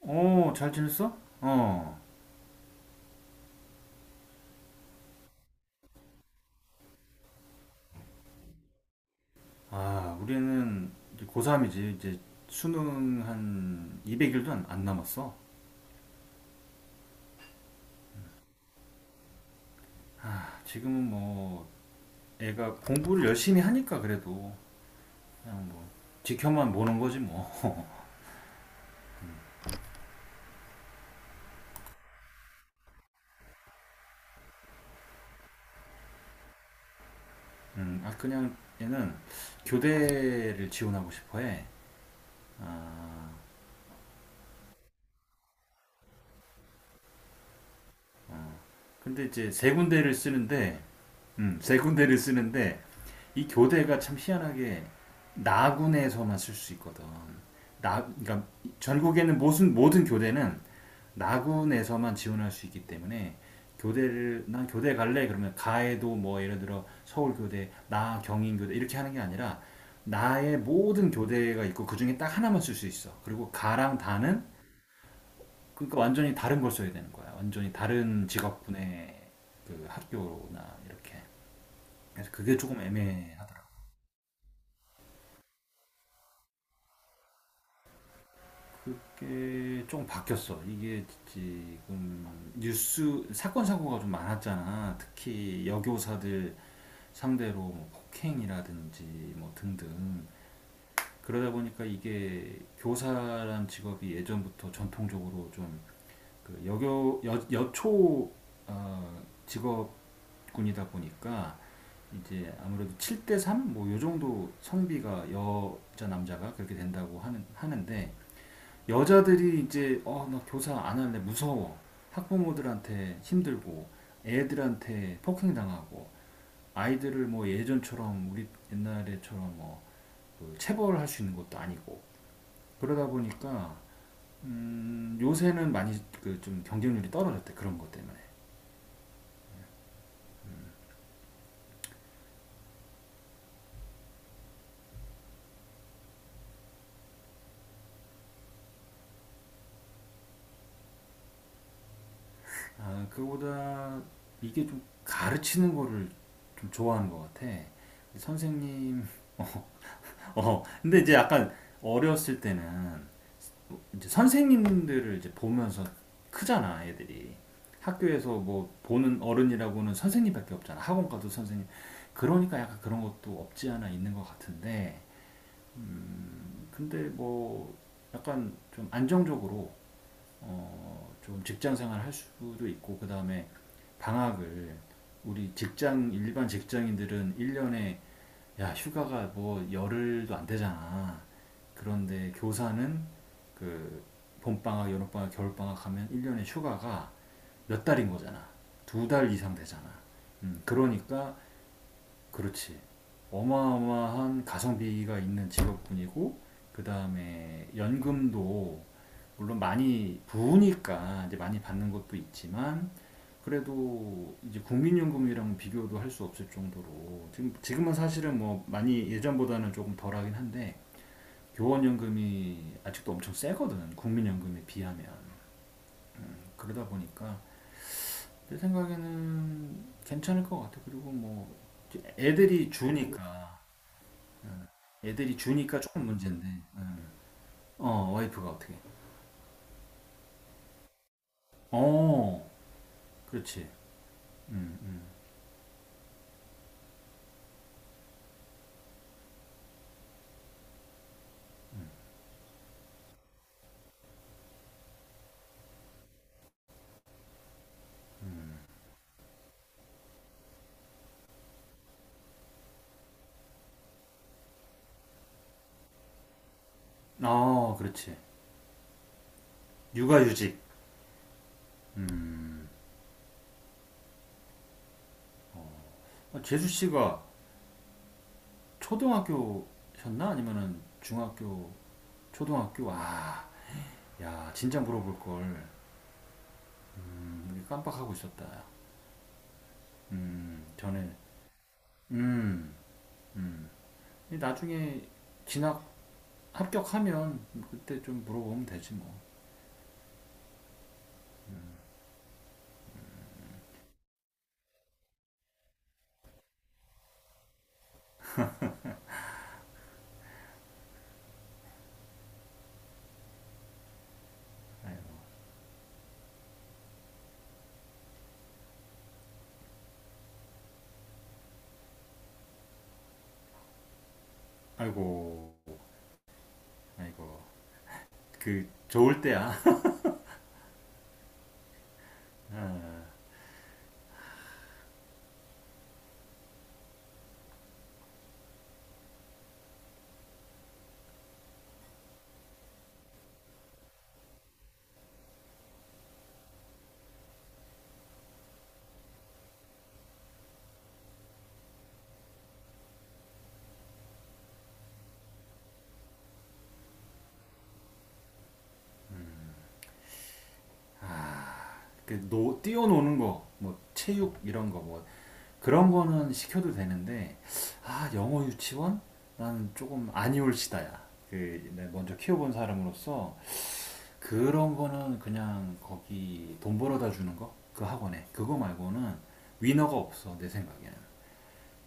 어, 잘 지냈어? 어. 아, 우리는 이제 고3이지. 이제 수능 한 200일도 안 남았어. 아, 지금은 뭐 애가 공부를 열심히 하니까 그래도 그냥 뭐 지켜만 보는 거지 뭐. 아 그냥 얘는 교대를 지원하고 싶어 해. 아, 근데 이제 세 군데를 쓰는데, 세 군데를 쓰는데, 이 교대가 참 희한하게 나군에서만 쓸 수 있거든. 그러니까 전국에는 모든 교대는 나군에서만 지원할 수 있기 때문에 교대를, 난 교대 갈래? 그러면 가에도 뭐 예를 들어 서울교대, 나 경인교대 이렇게 하는 게 아니라 나의 모든 교대가 있고 그 중에 딱 하나만 쓸 수 있어. 그리고 가랑 다는 그러니까 완전히 다른 걸 써야 되는 거야. 완전히 다른 직업군의 그 학교나 이렇게. 그래서 그게 조금 애매하더라고. 그게 조금 바뀌었어. 이게 지금 뉴스 사건 사고가 좀 많았잖아. 특히 여교사들 상대로 뭐 폭행이라든지 뭐 등등. 그러다 보니까 이게 교사란 직업이 예전부터 전통적으로 좀 그 여교 여초 직업 군이다 보니까 이제 아무래도 7대 3 뭐 요 정도 성비가 여자 남자가 그렇게 된다고 하는데 여자들이 이제 어 나 교사 안 할래 무서워 학부모들한테 힘들고 애들한테 폭행 당하고 아이들을 뭐 예전처럼 우리 옛날에처럼 뭐그 체벌할 수 있는 것도 아니고 그러다 보니까 요새는 많이 그 좀 경쟁률이 떨어졌대 그런 것 때문에 아, 그거보다 이게 좀 가르치는 거를 좀 좋아하는 것 같아. 선생님, 어, 근데 이제 약간 어렸을 때는 이제 선생님들을 이제 보면서 크잖아, 애들이. 학교에서 뭐 보는 어른이라고는 선생님밖에 없잖아. 학원 가도 선생님. 그러니까 약간 그런 것도 없지 않아 있는 것 같은데, 근데 뭐 약간 좀 안정적으로 좀 직장 생활 할 수도 있고 그 다음에 방학을 우리 직장 일반 직장인들은 1년에 야 휴가가 뭐 열흘도 안 되잖아. 그런데 교사는 그 봄방학, 여름방학, 겨울방학 하면 1년에 휴가가 몇 달인 거잖아. 두 달 이상 되잖아. 그러니까 그렇지. 어마어마한 가성비가 있는 직업군이고 그 다음에 연금도 물론 많이 부으니까 이제 많이 받는 것도 있지만 그래도 이제 국민연금이랑 비교도 할 수 없을 정도로 지금 지금은 사실은 뭐 많이 예전보다는 조금 덜하긴 한데 교원연금이 아직도 엄청 세거든 국민연금에 비하면 그러다 보니까 내 생각에는 괜찮을 것 같아 그리고 뭐 애들이 주니까 애들이 주니까 조금 문제인데. 음. 어, 와이프가 어떻게? 어, 그렇지. 음, 음. 아, 그렇지. 육아휴직. 아, 재수 씨가 초등학교셨나? 아니면은 중학교, 초등학교? 아, 야, 진짜 물어볼 걸. 깜빡하고 있었다. 전에. 음, 나중에 진학 합격하면 그때 좀 물어보면 되지 뭐. 아이고, 아이고, 아이고. 그 좋을 때야. 아, 아, 그 노, 뛰어노는 거, 뭐 체육 이런 거, 뭐 그런 거는 시켜도 되는데 아 영어 유치원 난 조금 아니올시다야. 그 내가 먼저 키워본 사람으로서 그런 거는 그냥 거기 돈 벌어다 주는 거 그 학원에 그거 말고는 위너가 없어 내 생각에는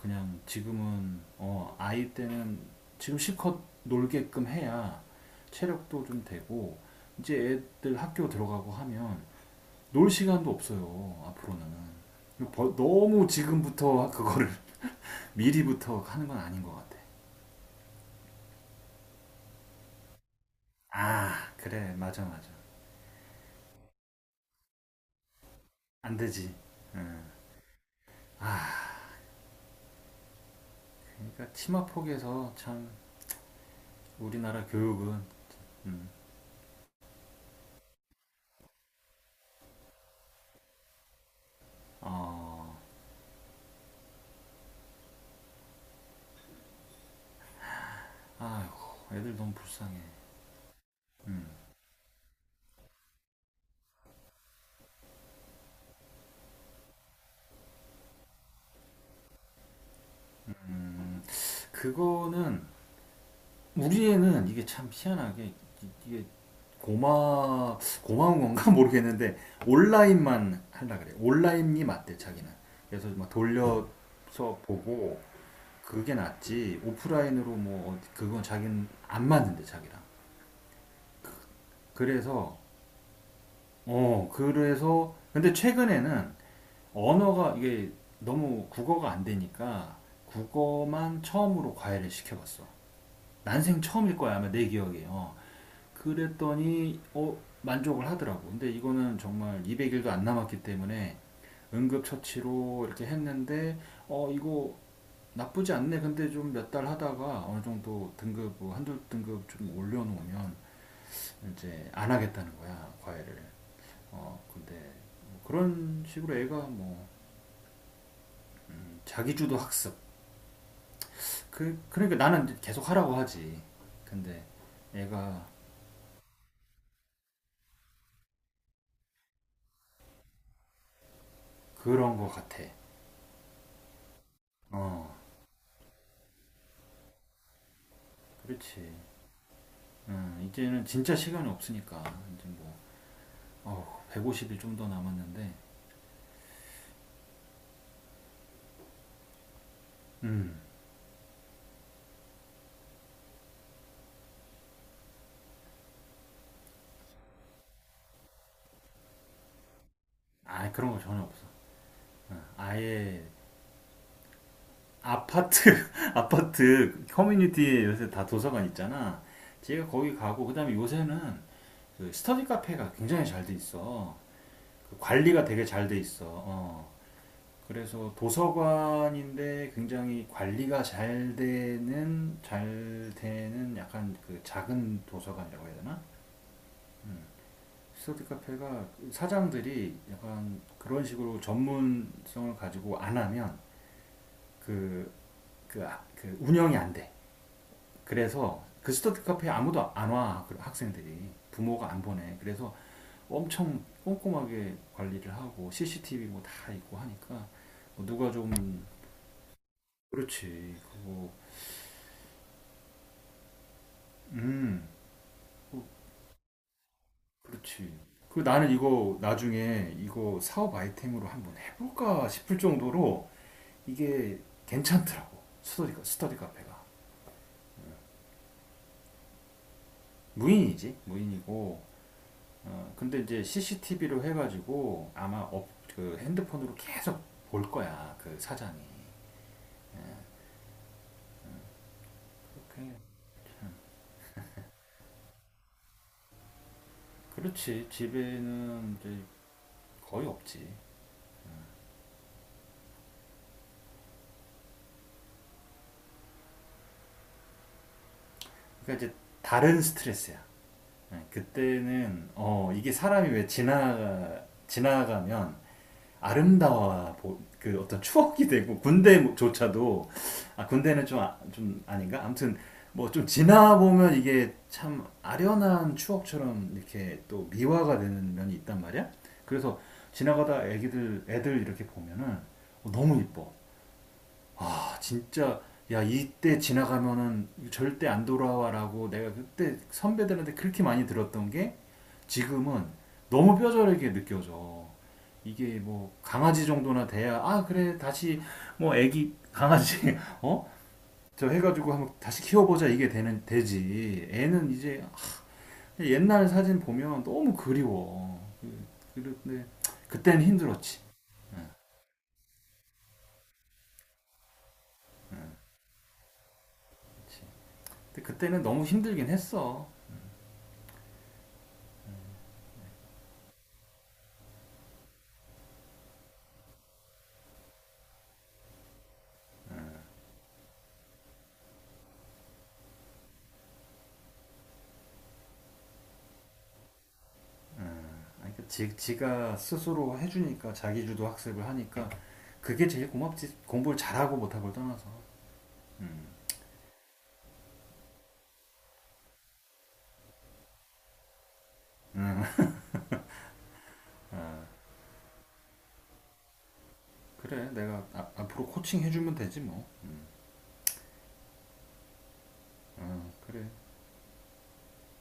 그냥 지금은 어 아이 때는 지금 실컷 놀게끔 해야 체력도 좀 되고 이제 애들 학교 들어가고 하면 놀 시간도 없어요. 앞으로는 너무 지금부터 그거를 미리부터 하는 건 아닌 것 같아. 아 그래 맞아 맞아 안 되지. 응. 그러니까 치마 폭에서 참 우리나라 교육은 음, 어, 아휴 애들 너무 불쌍해. 응. 음, 그거는 우리 애는 이게 참 희한하게 이- 게 고마 고마운 건가 모르겠는데 온라인만 하려 그래. 온라인이 맞대 자기는. 그래서 막 돌려서 보고 그게 낫지 오프라인으로 뭐 그건 자기는 안 맞는데 자기랑. 그래서 근데 최근에는 언어가 이게 너무 국어가 안 되니까 국어만 처음으로 과외를 시켜봤어. 난생 처음일 거야 아마 내 기억에. 어. 그랬더니 만족을 하더라고. 근데 이거는 정말 200일도 안 남았기 때문에 응급처치로 이렇게 했는데 이거 나쁘지 않네. 근데 좀 몇 달 하다가 어느 정도 등급 뭐 한두 등급 좀 올려놓으면 이제 안 하겠다는 거야 과외를. 근데 뭐 그런 식으로 애가 뭐 자기주도 학습. 그 그러니까 나는 계속 하라고 하지. 근데 애가 그런 거 같아. 어 그렇지. 이제는 진짜 시간이 없으니까 이제 뭐 150일 좀 더 남았는데 음, 아 그런 거 전혀 없어. 아예 아파트 아파트 커뮤니티에 요새 다 도서관 있잖아. 제가 거기 가고 그다음에 요새는 그 스터디 카페가 굉장히 잘 돼 있어. 그 관리가 되게 잘 돼 있어. 어. 그래서 도서관인데 굉장히 관리가 잘 되는 약간 그 작은 도서관이라고 해야 되나? 스터디 카페가 사장들이 약간 그런 식으로 전문성을 가지고 안 하면 그, 그 운영이 안 돼. 그래서 그 스터디 카페에 아무도 안와 그 학생들이 부모가 안 보내. 그래서 엄청 꼼꼼하게 관리를 하고 CCTV 뭐 다 있고 하니까 뭐 누가 좀 그렇지 그거 음 어, 그렇지. 그 나는 이거 나중에 이거 사업 아이템으로 한번 해볼까 싶을 정도로 이게 괜찮더라고 스터디 카페가 무인이지 무인이고 어, 근데 이제 CCTV로 해가지고 아마 그 핸드폰으로 계속 볼 거야 그 사장이 그렇게 그렇지 집에는 이제 거의 없지 그러니까 이제 다른 스트레스야 예, 그때는 이게 사람이 왜 지나가면 아름다워 그 어떤 추억이 되고 군대조차도 아 군대는 좀 아닌가? 아무튼 뭐 좀 지나보면 이게 참 아련한 추억처럼 이렇게 또 미화가 되는 면이 있단 말이야. 그래서 지나가다 애기들 애들 이렇게 보면은 너무 이뻐. 아 진짜 야 이때 지나가면은 절대 안 돌아와라고 내가 그때 선배들한테 그렇게 많이 들었던 게 지금은 너무 뼈저리게 느껴져. 이게 뭐 강아지 정도나 돼야 아 그래 다시 뭐 애기 강아지 어? 저 해가지고 한번 다시 키워보자 이게 되는 되지. 애는 이제 옛날 사진 보면 너무 그리워. 그런데 그때는 힘들었지. 근데 그때는 너무 힘들긴 했어. 아 그러니까 지가 스스로 해주니까 자기주도 학습을 하니까 그게 제일 고맙지 공부를 잘하고 못하고를 떠나서 그래 내가 앞으로 코칭 해주면 되지 뭐 어, 그래